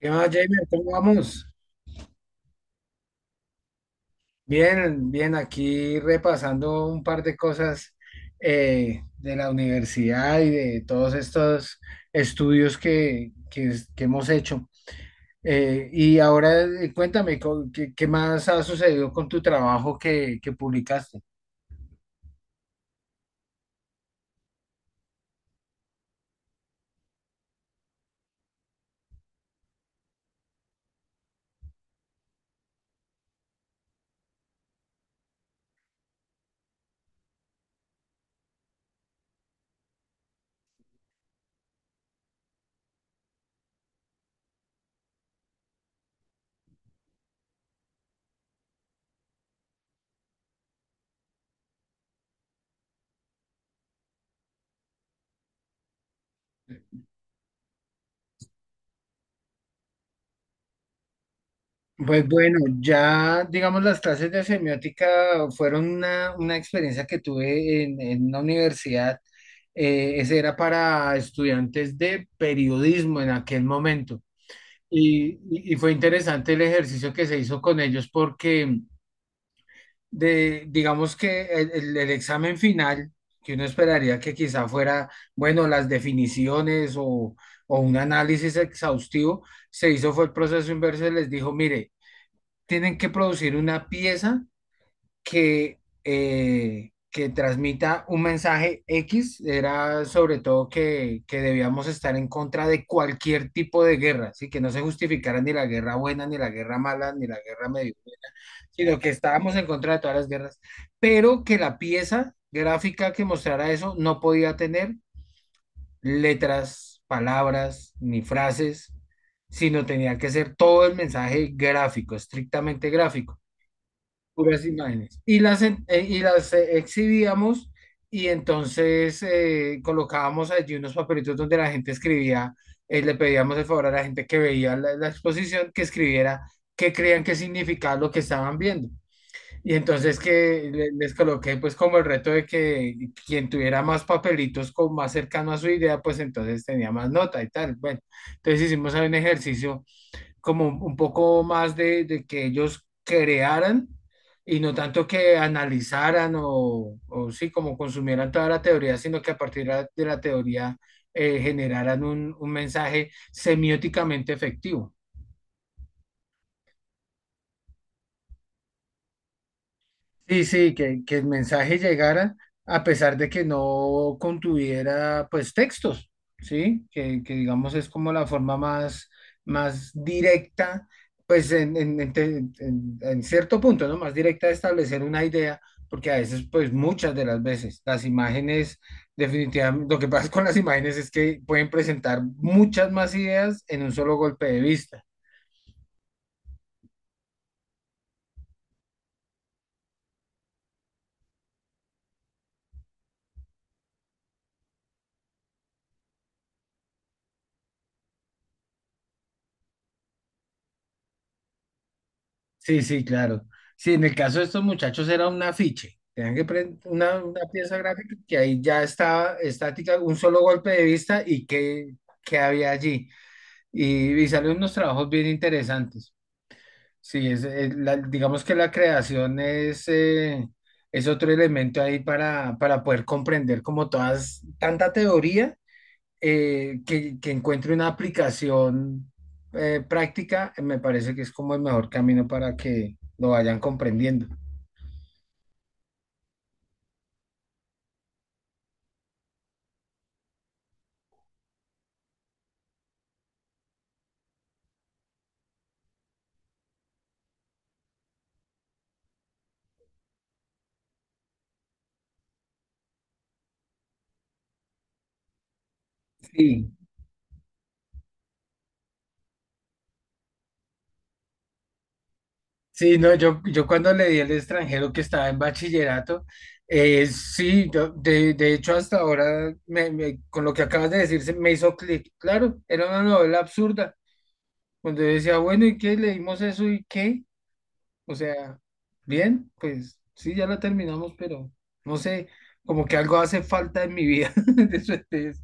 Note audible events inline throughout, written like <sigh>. ¿Qué más, Jamer? ¿Cómo vamos? Bien, bien, aquí repasando un par de cosas de la universidad y de todos estos estudios que hemos hecho. Y ahora cuéntame, qué más ha sucedido con tu trabajo que publicaste? Pues bueno, ya digamos las clases de semiótica fueron una experiencia que tuve en una universidad. Eh, ese era para estudiantes de periodismo en aquel momento. Y fue interesante el ejercicio que se hizo con ellos porque, digamos que el examen final, que uno esperaría que quizá fuera, bueno, las definiciones o un análisis exhaustivo, se hizo fue el proceso inverso y les dijo, mire, tienen que producir una pieza que transmita un mensaje X, era sobre todo que debíamos estar en contra de cualquier tipo de guerra, ¿sí? Que no se justificara ni la guerra buena, ni la guerra mala, ni la guerra medio, sino que estábamos en contra de todas las guerras, pero que la pieza gráfica que mostrara eso no podía tener letras, palabras, ni frases, sino tenía que ser todo el mensaje gráfico, estrictamente gráfico, puras imágenes. Y las, y las exhibíamos y entonces colocábamos allí unos papelitos donde la gente escribía, le pedíamos el favor a la gente que veía la exposición que escribiera qué creían que significaba lo que estaban viendo. Y entonces que les coloqué pues como el reto de que quien tuviera más papelitos como más cercano a su idea, pues entonces tenía más nota y tal. Bueno, entonces hicimos ahí un ejercicio como un poco más de que ellos crearan y no tanto que analizaran o sí, como consumieran toda la teoría, sino que a partir de la teoría generaran un mensaje semióticamente efectivo. Sí, sí, que el mensaje llegara a pesar de que no contuviera pues textos, ¿sí? Digamos es como la forma más, más directa, pues en cierto punto, ¿no? Más directa de establecer una idea, porque a veces pues muchas de las veces las imágenes definitivamente, lo que pasa con las imágenes es que pueden presentar muchas más ideas en un solo golpe de vista. Sí, sí, claro. Sí, en el caso de estos muchachos era un afiche. Tenían que prender una pieza gráfica que ahí ya estaba estática, un solo golpe de vista y qué había allí. Y salen unos trabajos bien interesantes. Sí, es, digamos que la creación es otro elemento ahí para poder comprender como todas, tanta teoría que encuentre una aplicación práctica, me parece que es como el mejor camino para que lo vayan comprendiendo. Sí, sí, no, yo cuando le di al extranjero que estaba en bachillerato, sí, de hecho hasta ahora, con lo que acabas de decir, se me hizo clic. Claro, era una novela absurda, cuando yo decía, bueno, ¿y qué? Leímos eso y qué. O sea, bien, pues sí, ya la terminamos, pero no sé, como que algo hace falta en mi vida. <laughs> de eso es-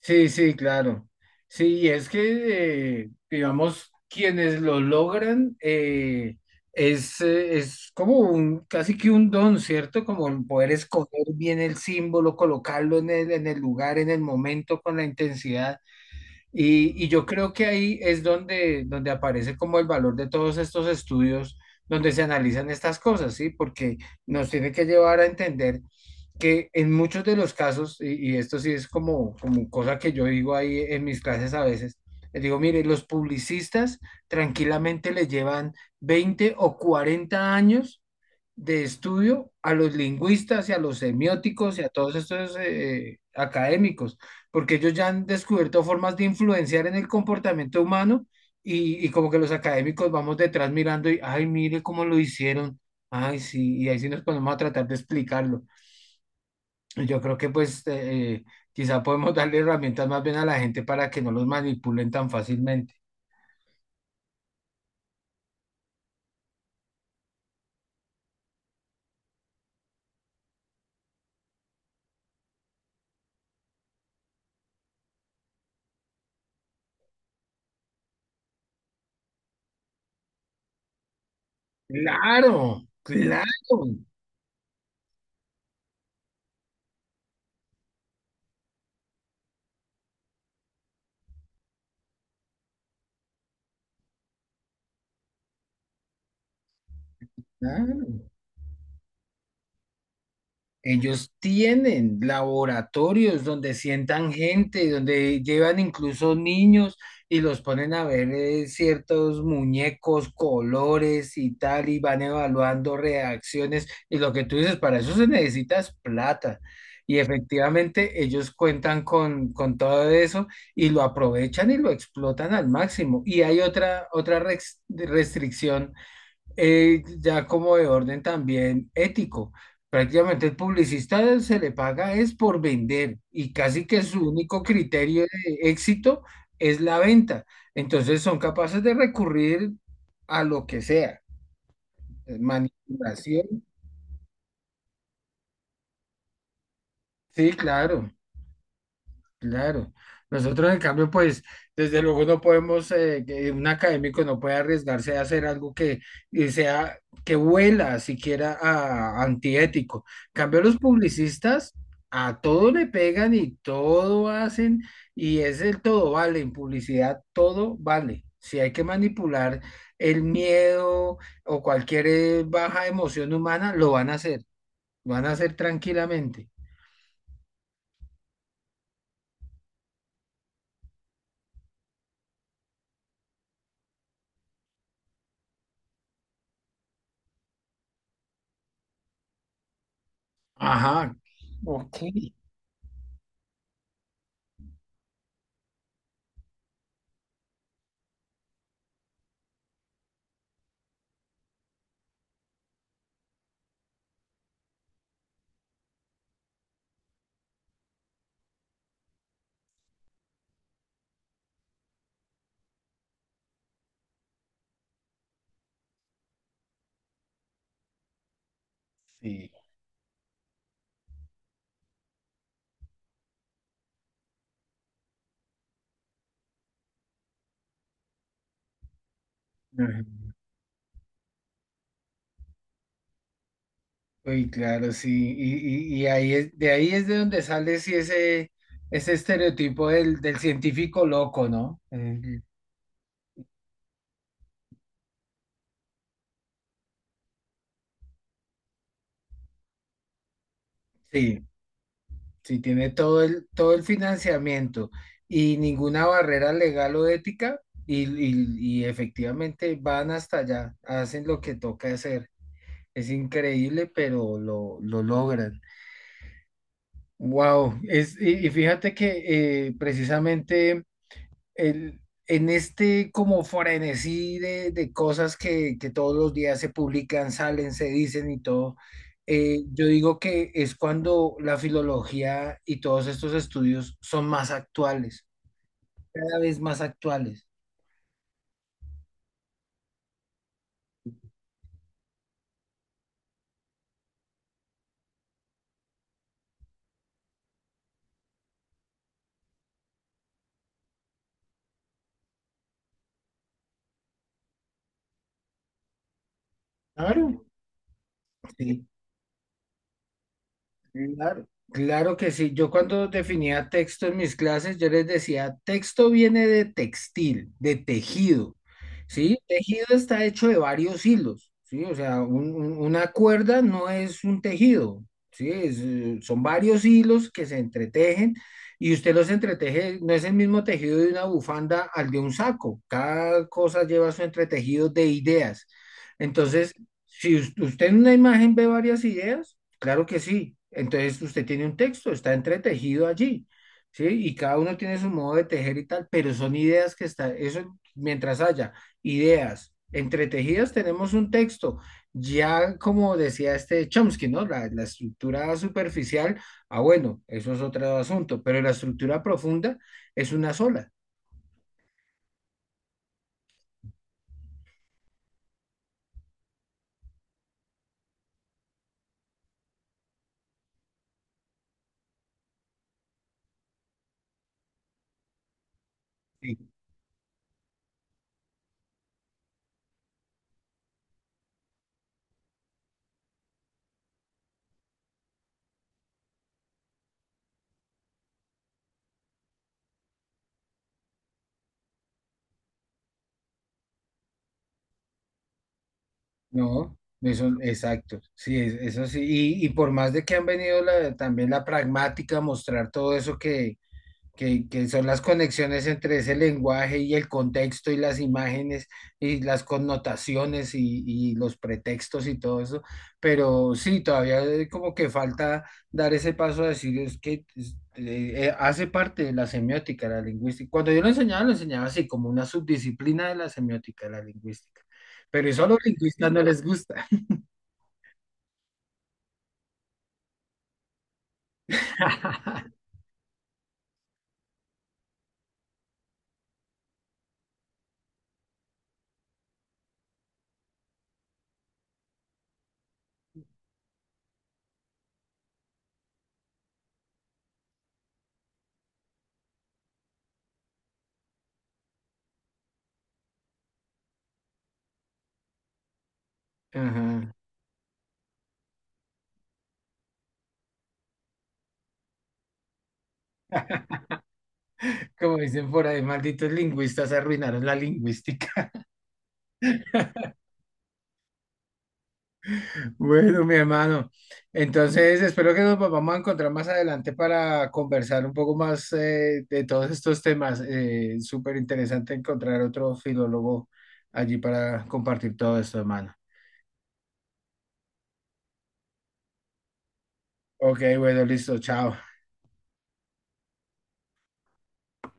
Sí, sí, claro. Sí, es que, digamos, quienes lo logran es como un, casi que un don, ¿cierto? Como el poder escoger bien el símbolo, colocarlo en el lugar, en el momento, con la intensidad. Y yo creo que ahí es donde, donde aparece como el valor de todos estos estudios donde se analizan estas cosas, ¿sí? Porque nos tiene que llevar a entender que en muchos de los casos, y esto sí es como, como cosa que yo digo ahí en mis clases a veces, les digo, mire, los publicistas tranquilamente le llevan 20 o 40 años de estudio a los lingüistas y a los semióticos y a todos estos académicos, porque ellos ya han descubierto formas de influenciar en el comportamiento humano y como que los académicos vamos detrás mirando y, ay, mire cómo lo hicieron, ay, sí, y ahí sí nos ponemos a tratar de explicarlo. Y yo creo que pues quizá podemos darle herramientas más bien a la gente para que no los manipulen tan fácilmente. Claro, claro, claro. Ellos tienen laboratorios donde sientan gente, donde llevan incluso niños y los ponen a ver ciertos muñecos, colores y tal, y van evaluando reacciones. Y lo que tú dices, para eso se necesitas plata. Y efectivamente ellos cuentan con todo eso y lo aprovechan y lo explotan al máximo. Y hay otra, restricción ya como de orden también ético. Prácticamente el publicista se le paga es por vender y casi que su único criterio de éxito es la venta. Entonces son capaces de recurrir a lo que sea, manipulación. Sí, claro. Claro. Nosotros, en cambio, pues, desde luego no podemos, que un académico no puede arriesgarse a hacer algo que que huela siquiera a antiético. En cambio, los publicistas a todo le pegan y todo hacen, y es el todo vale. En publicidad todo vale. Si hay que manipular el miedo o cualquier baja emoción humana, lo van a hacer, lo van a hacer tranquilamente. Ajá, ok, sí. Uy, claro, sí. Y ahí es de donde sale sí, ese estereotipo del, del científico loco, ¿no? El- sí, sí, tiene todo el financiamiento y ninguna barrera legal o ética y efectivamente van hasta allá, hacen lo que toca hacer. Es increíble, pero lo logran. Wow, es, y fíjate que precisamente... el, en este como frenesí de cosas que todos los días se publican, salen, se dicen y todo, yo digo que es cuando la filología y todos estos estudios son más actuales, cada vez más actuales. Claro. Sí. Claro, claro que sí. Yo cuando definía texto en mis clases, yo les decía, texto viene de textil, de tejido, ¿sí? Tejido está hecho de varios hilos, ¿sí? O sea, una cuerda no es un tejido, ¿sí? Es, son varios hilos que se entretejen y usted los entreteje, no es el mismo tejido de una bufanda al de un saco. Cada cosa lleva su entretejido de ideas. Entonces, si usted en una imagen ve varias ideas, claro que sí. Entonces usted tiene un texto, está entretejido allí, ¿sí? Y cada uno tiene su modo de tejer y tal, pero son ideas que están, eso mientras haya ideas entretejidas, tenemos un texto. Ya como decía este Chomsky, ¿no? La estructura superficial, ah, bueno, eso es otro asunto, pero la estructura profunda es una sola. Sí, no, eso, exacto, sí, eso sí, y por más de que han venido también la pragmática a mostrar todo eso que son las conexiones entre ese lenguaje y el contexto y las imágenes y las connotaciones y los pretextos y todo eso. Pero sí, todavía como que falta dar ese paso a decir es que hace parte de la semiótica, la lingüística. Cuando yo lo enseñaba así, como una subdisciplina de la semiótica, la lingüística. Pero eso a los lingüistas no les gusta. <laughs> Ajá. Como dicen por ahí, malditos lingüistas arruinaron la lingüística. Bueno, mi hermano, entonces espero que nos volvamos a encontrar más adelante para conversar un poco más de todos estos temas. Súper interesante encontrar otro filólogo allí para compartir todo esto, hermano. Ok, bueno, listo, chao.